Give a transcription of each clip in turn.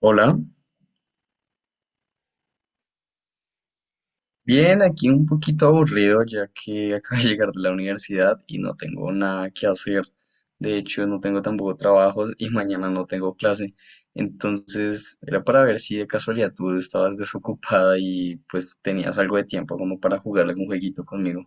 Hola, bien, aquí un poquito aburrido ya que acabo de llegar de la universidad y no tengo nada que hacer. De hecho, no tengo tampoco trabajos y mañana no tengo clase. Entonces, era para ver si de casualidad tú estabas desocupada y pues tenías algo de tiempo como para jugar algún jueguito conmigo.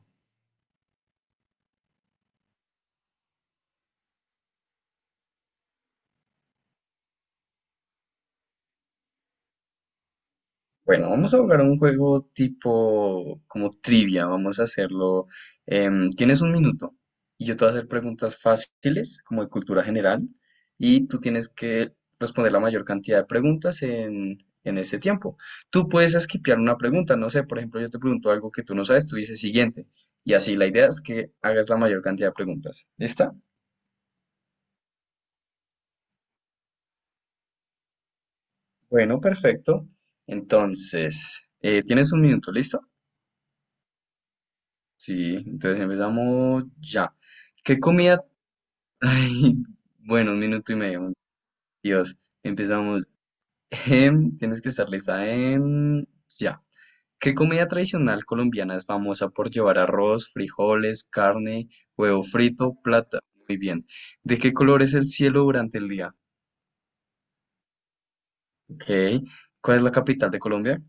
Bueno, vamos a jugar un juego tipo como trivia, vamos a hacerlo. Tienes un minuto y yo te voy a hacer preguntas fáciles, como de cultura general, y tú tienes que responder la mayor cantidad de preguntas en ese tiempo. Tú puedes esquipear una pregunta, no sé, por ejemplo, yo te pregunto algo que tú no sabes, tú dices siguiente, y así la idea es que hagas la mayor cantidad de preguntas. ¿Lista? Bueno, perfecto. Entonces, tienes un minuto, ¿listo? Sí, entonces empezamos ya. ¿Qué comida? Ay, bueno, un minuto y medio. Dios, empezamos. Tienes que estar lista. Ya. ¿Qué comida tradicional colombiana es famosa por llevar arroz, frijoles, carne, huevo frito, plata? Muy bien. ¿De qué color es el cielo durante el día? Ok. ¿Cuál es la capital de Colombia?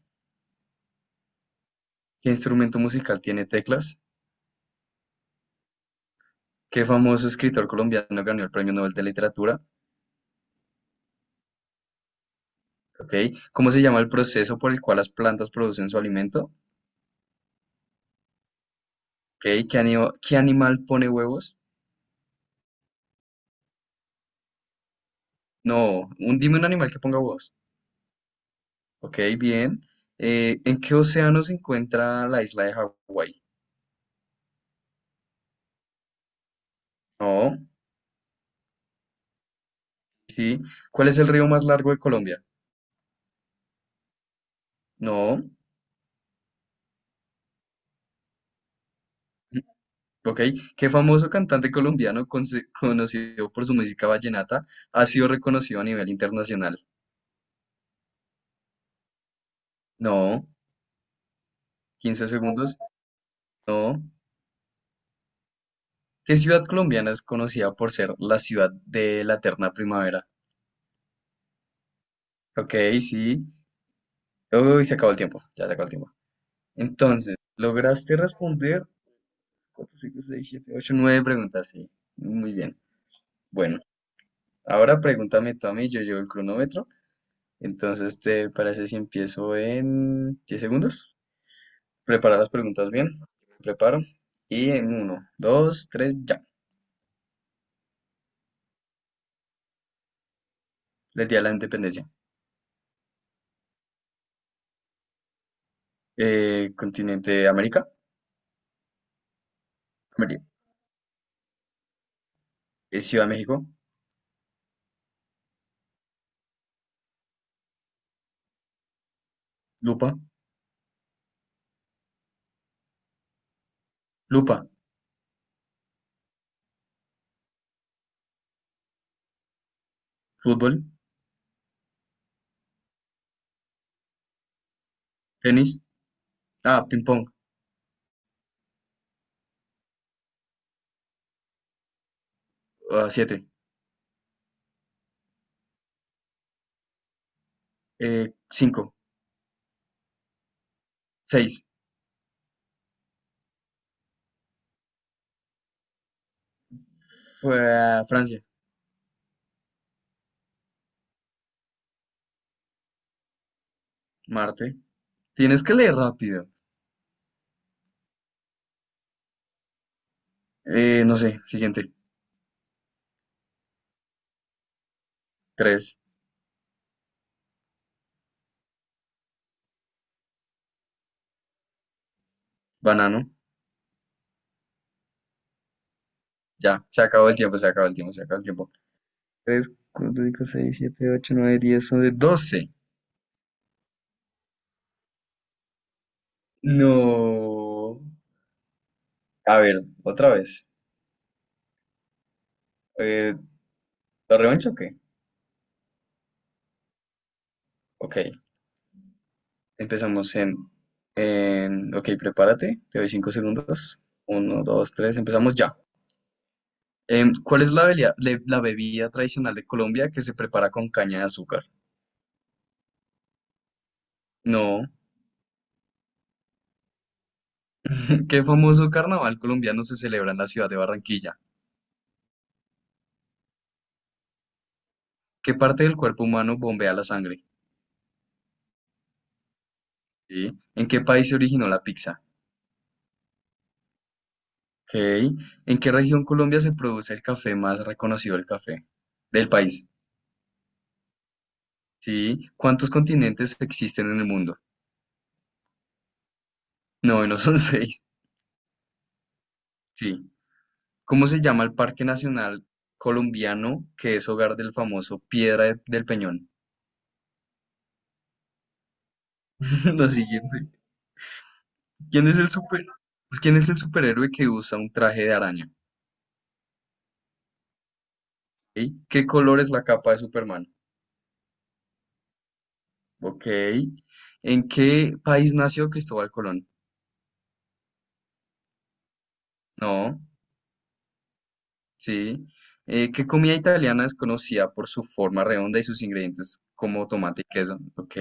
¿Qué instrumento musical tiene teclas? ¿Qué famoso escritor colombiano ganó el Premio Nobel de Literatura? ¿Ok? ¿Cómo se llama el proceso por el cual las plantas producen su alimento? ¿Ok? ¿Qué animal pone huevos? No, dime un animal que ponga huevos. ¿Ok? Bien. ¿En qué océano se encuentra la isla de Hawái? No. ¿Sí? ¿Cuál es el río más largo de Colombia? No. ¿Ok? ¿Qué famoso cantante colombiano conocido por su música vallenata ha sido reconocido a nivel internacional? No. ¿15 segundos? No. ¿Qué ciudad colombiana es conocida por ser la ciudad de la eterna primavera? Ok, sí. Uy, se acabó el tiempo. Ya se acabó el tiempo. Entonces, lograste responder 4, 5, 6, 7, 8, 9 preguntas, sí. Muy bien. Bueno, ahora pregúntame tú a mí, yo llevo el cronómetro. Entonces, ¿te parece si empiezo en 10 segundos? Prepara las preguntas bien. Preparo. Y en uno, 2, 3, ya. Les di a la independencia. Continente América. América. Ciudad de México. Lupa. Lupa, fútbol, tenis, ah, ping pong, ah, siete, cinco, seis, fue Francia, Marte. Tienes que leer rápido. No sé, siguiente, tres, banano, ya, se acabó el tiempo, se acabó el tiempo, se acabó el tiempo. Tres, cuatro, cinco, seis, siete, ocho, nueve, diez, once, doce. No. A ver, otra vez. Eh, ¿La revancha o qué? Ok, empezamos Ok, prepárate, te doy 5 segundos. Uno, dos, tres, empezamos ya. ¿Cuál es la bebida tradicional de Colombia que se prepara con caña de azúcar? No. ¿Qué famoso carnaval colombiano se celebra en la ciudad de Barranquilla? ¿Qué parte del cuerpo humano bombea la sangre? ¿Sí? ¿En qué país se originó la pizza? Ok. ¿En qué región Colombia se produce el café más reconocido, el café del país? ¿Sí? ¿Cuántos continentes existen en el mundo? No, no son seis. Sí. ¿Cómo se llama el Parque Nacional colombiano que es hogar del famoso Piedra del Peñón? Lo siguiente. ¿Quién es el super... Pues, ¿quién es el superhéroe que usa un traje de araña? ¿Ok? ¿Qué color es la capa de Superman? Ok. ¿En qué país nació Cristóbal Colón? No. Sí. ¿Qué comida italiana es conocida por su forma redonda y sus ingredientes como tomate y queso? Ok.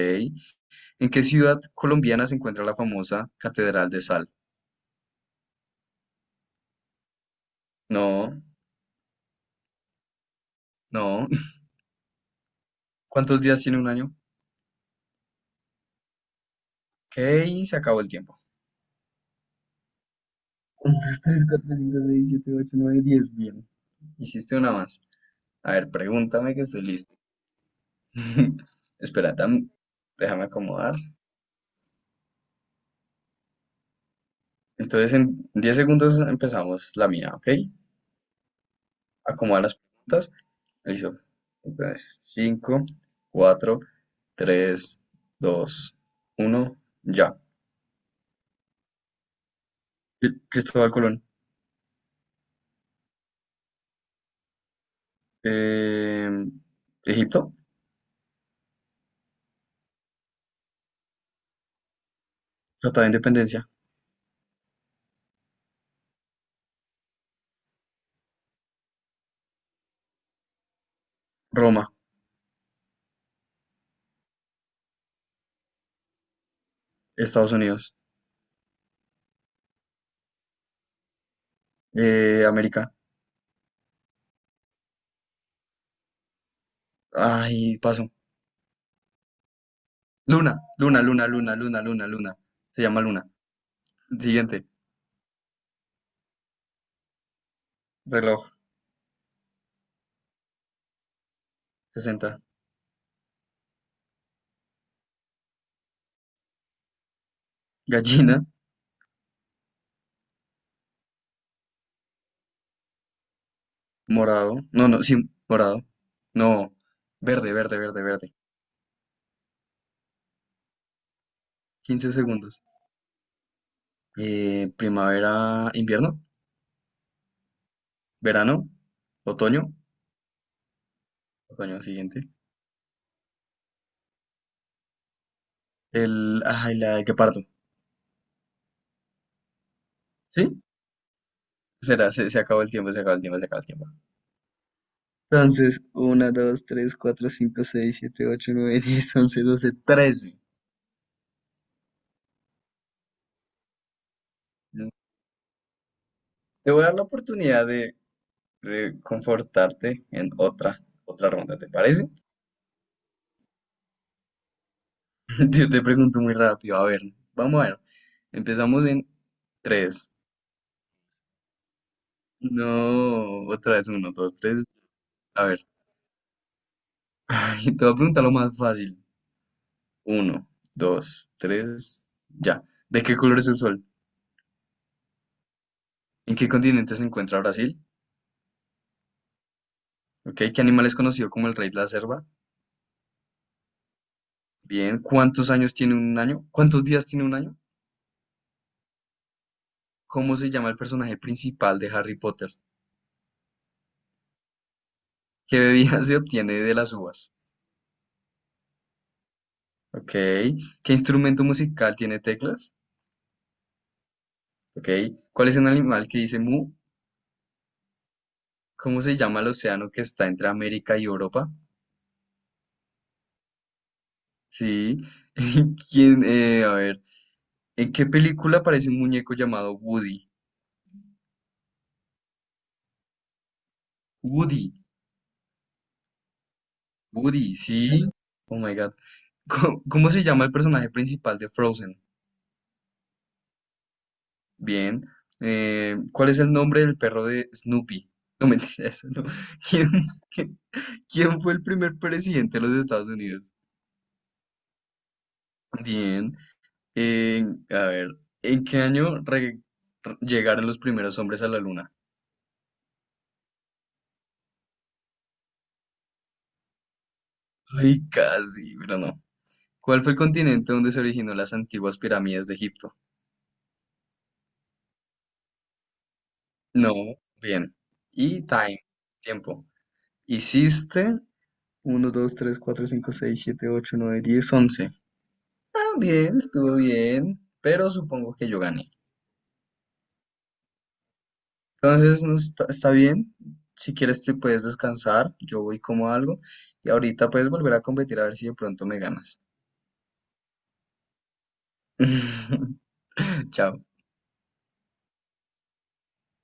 ¿En qué ciudad colombiana se encuentra la famosa Catedral de Sal? No. No. ¿Cuántos días tiene un año? Ok. Se acabó el tiempo. Uno, 2, 3, 4, 5, 6, 7, 8, 9, diez. Bien. Hiciste una más. A ver, pregúntame que estoy listo. Espera, déjame acomodar. Entonces, en 10 segundos empezamos la mía, ¿ok? Acomoda las preguntas. Listo. Entonces, cinco, cuatro, tres, dos, uno, ya. Cristóbal Colón. Eh, Egipto. Tratado de Independencia. Roma. Estados Unidos. América. Ay, paso. Luna, luna, luna, luna, luna, luna, luna. Se llama Luna. Siguiente. Reloj. 60. Gallina, morado. No, no, sí, morado. No, verde, verde, verde, verde. 15 segundos. Primavera, invierno, verano, otoño, otoño siguiente. El, ay, la de parto. ¿Sí? Será, se acabó el tiempo, se acabó el tiempo, se acabó el tiempo. Entonces, uno, dos, tres, cuatro, cinco, seis, siete, ocho, nueve, diez, once, doce, trece. Te voy a dar la oportunidad de reconfortarte en otra ronda, ¿te parece? Yo te pregunto muy rápido, a ver, vamos a ver. Empezamos en tres. No, otra vez uno, dos, tres. A ver, te voy a preguntar lo más fácil. Uno, dos, tres, ya. ¿De qué color es el sol? ¿En qué continente se encuentra Brasil? ¿Ok? ¿Qué animal es conocido como el rey de la selva? Bien, ¿cuántos años tiene un año? ¿Cuántos días tiene un año? ¿Cómo se llama el personaje principal de Harry Potter? ¿Qué bebida se obtiene de las uvas? ¿Ok? ¿Qué instrumento musical tiene teclas? Ok. ¿Cuál es un animal que dice mu? ¿Cómo se llama el océano que está entre América y Europa? Sí. ¿Quién? A ver. ¿En qué película aparece un muñeco llamado Woody? Woody. Woody, sí. Oh my God. ¿Cómo se llama el personaje principal de Frozen? Bien. ¿Cuál es el nombre del perro de Snoopy? No mentira, eso no. ¿Quién, quién fue el primer presidente de los Estados Unidos? Bien. A ver, ¿en qué año llegaron los primeros hombres a la luna? Ay, casi, pero no. ¿Cuál fue el continente donde se originó las antiguas pirámides de Egipto? No, bien. Y time, tiempo. Hiciste uno, 2, 3, 4, 5, 6, 7, 8, 9, 10, 11. Ah, bien, estuvo bien, pero supongo que yo gané. Entonces, no está, está bien. Si quieres te puedes descansar, yo voy como algo y ahorita puedes volver a competir a ver si de pronto me ganas. Chao.